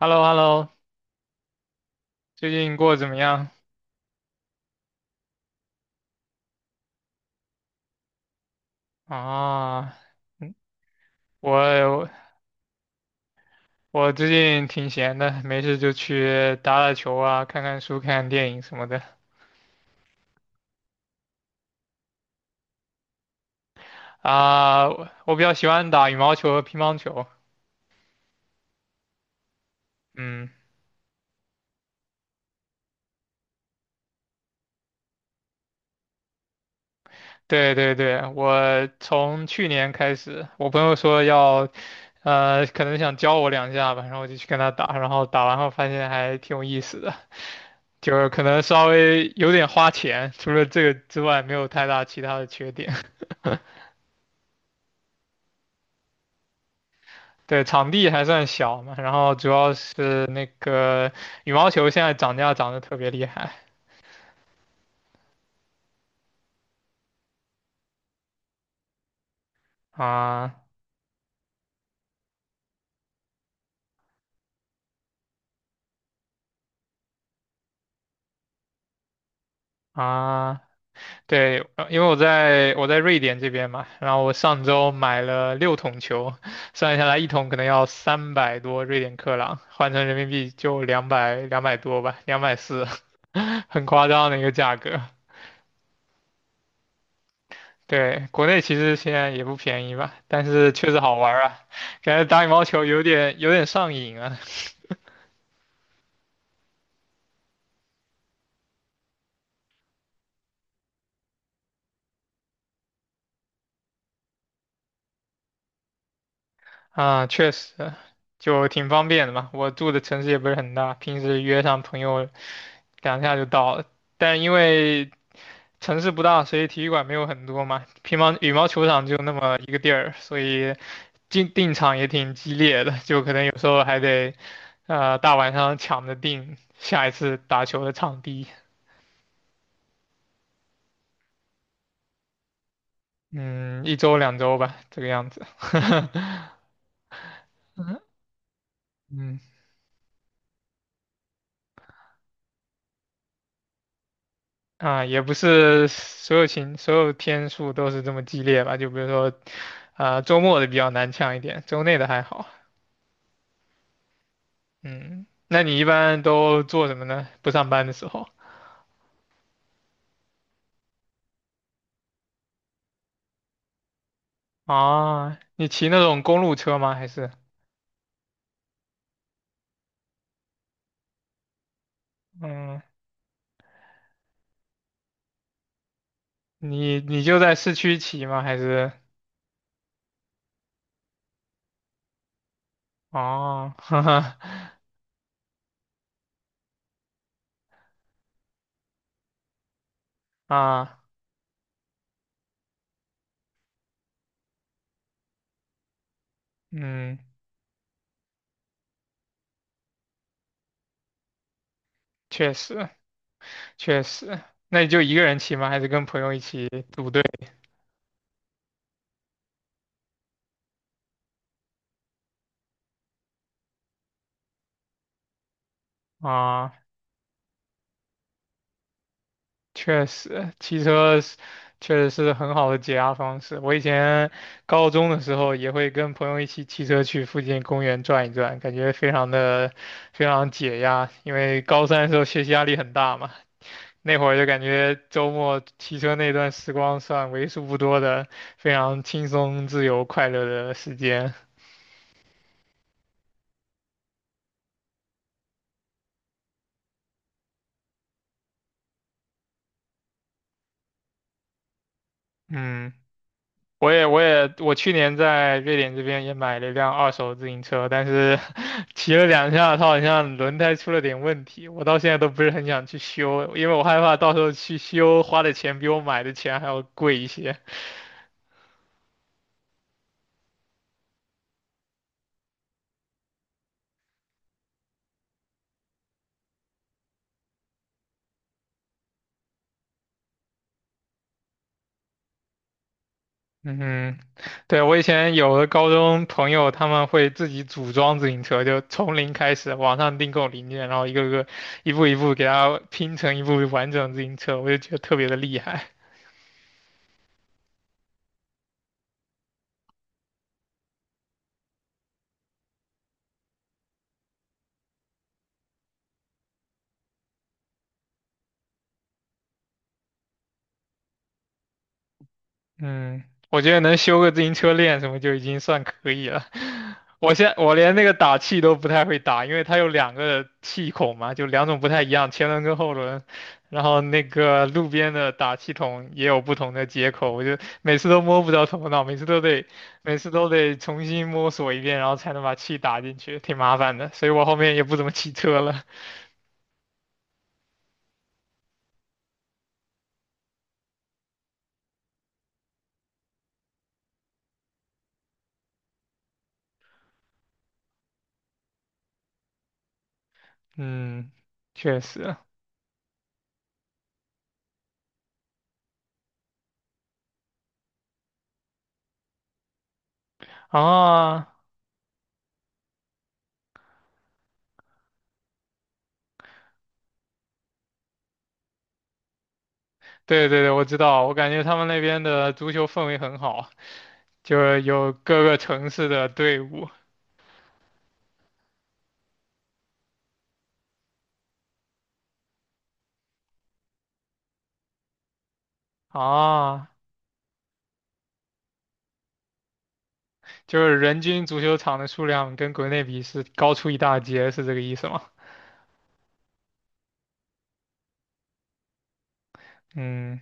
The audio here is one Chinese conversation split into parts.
h e l l o h e l l o。 最近过得怎么样？啊，嗯我我最近挺闲的，没事就去打打球啊，看看书、看看电影什么的。啊，我比较喜欢打羽毛球和乒乓球。嗯，对对对，我从去年开始，我朋友说要，可能想教我两下吧，然后我就去跟他打，然后打完后发现还挺有意思的，就是可能稍微有点花钱，除了这个之外，没有太大其他的缺点。对，场地还算小嘛，然后主要是那个羽毛球现在涨价涨得特别厉害啊啊！对，因为我在瑞典这边嘛，然后我上周买了6桶球，算下来一桶可能要300多瑞典克朗，换成人民币就两百200多吧，240，很夸张的一个价格。对，国内其实现在也不便宜吧，但是确实好玩儿啊，感觉打羽毛球有点上瘾啊。啊，确实，就挺方便的嘛。我住的城市也不是很大，平时约上朋友两下就到了。但因为城市不大，所以体育馆没有很多嘛。乒乓羽毛球场就那么一个地儿，所以订场也挺激烈的，就可能有时候还得，大晚上抢着订下一次打球的场地。嗯，一周两周吧，这个样子。嗯啊，也不是所有天数都是这么激烈吧？就比如说，啊，周末的比较难抢一点，周内的还好。嗯，那你一般都做什么呢？不上班的时候。啊，你骑那种公路车吗？还是。嗯，你就在市区骑吗？还是。哦，哈哈啊，嗯，确实确实，那你就一个人骑吗？还是跟朋友一起组队。啊？确实，骑车是确实是很好的解压方式。我以前高中的时候也会跟朋友一起骑车去附近公园转一转，感觉非常的非常解压。因为高三的时候学习压力很大嘛，那会儿就感觉周末骑车那段时光算为数不多的非常轻松、自由、快乐的时间。嗯。我去年在瑞典这边也买了一辆二手自行车，但是 骑了两下，它好像轮胎出了点问题，我到现在都不是很想去修，因为我害怕到时候去修花的钱比我买的钱还要贵一些。嗯，对，我以前有的高中朋友他们会自己组装自行车，就从零开始，网上订购零件，然后一个个一步一步给它拼成一部完整的自行车，我就觉得特别的厉害。嗯，我觉得能修个自行车链什么就已经算可以了。我连那个打气都不太会打，因为它有两个气孔嘛，就两种不太一样，前轮跟后轮。然后那个路边的打气筒也有不同的接口，我就每次都摸不着头脑，每次都得重新摸索一遍，然后才能把气打进去，挺麻烦的。所以我后面也不怎么骑车了。嗯，确实啊，对对对，我知道，我感觉他们那边的足球氛围很好。就是有各个城市的队伍啊，就是人均足球场的数量跟国内比是高出一大截，是这个意思吗？嗯，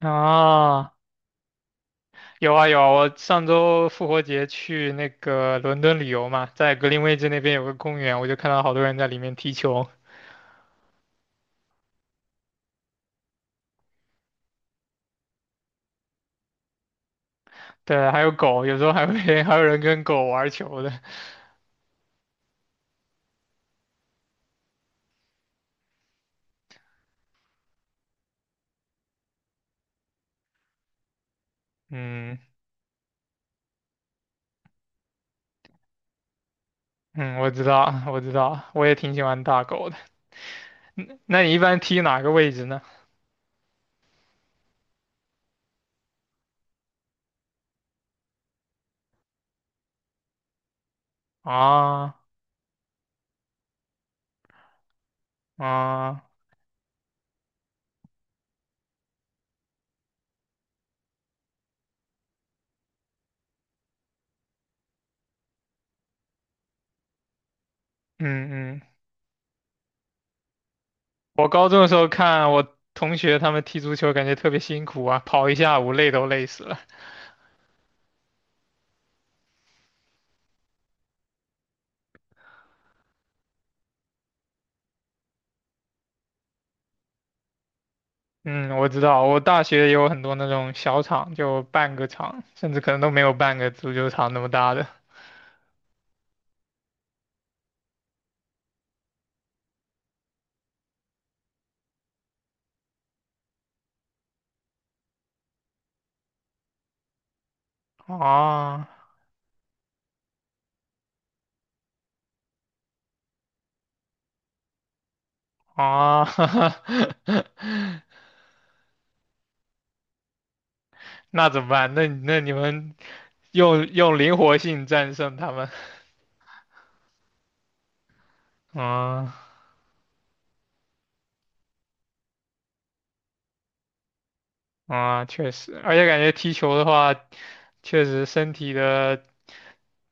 啊，有啊有啊，我上周复活节去那个伦敦旅游嘛，在格林威治那边有个公园，我就看到好多人在里面踢球，对，还有狗，有时候还会 还有人跟狗玩球的，嗯嗯，我知道我知道，我也挺喜欢大狗的。那你一般踢哪个位置呢？啊啊。嗯嗯，我高中的时候看我同学他们踢足球，感觉特别辛苦啊，跑一下午累都累死了。嗯，我知道，我大学也有很多那种小场，就半个场，甚至可能都没有半个足球场那么大的。啊啊，那怎么办？那你们用灵活性战胜他们。啊啊，确实，而且感觉踢球的话，确实身体的。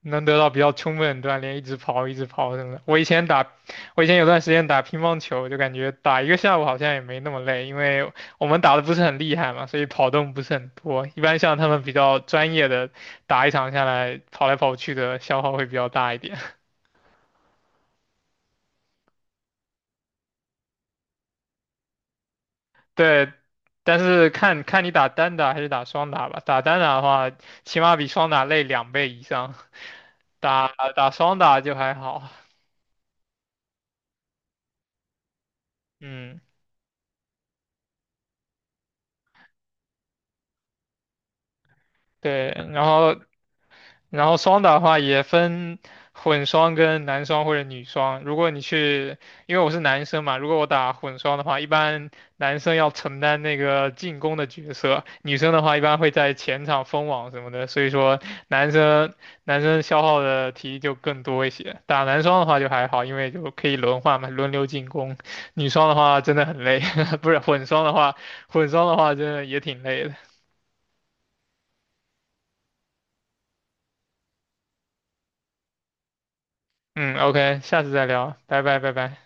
能得到比较充分的锻炼，一直跑，一直跑什么的。我以前有段时间打乒乓球，就感觉打一个下午好像也没那么累，因为我们打的不是很厉害嘛，所以跑动不是很多。一般像他们比较专业的，打一场下来跑来跑去的消耗会比较大一点。对，但是看看你打单打还是打双打吧。打单打的话，起码比双打累2倍以上，打双打就还好。嗯，对，然后双打的话也分混双跟男双或者女双。如果你去，因为我是男生嘛，如果我打混双的话，一般男生要承担那个进攻的角色，女生的话一般会在前场封网什么的，所以说男生男生消耗的体力就更多一些。打男双的话就还好，因为就可以轮换嘛，轮流进攻。女双的话真的很累，不是混双的话，混双的话真的也挺累的。嗯，OK，下次再聊，拜拜拜拜。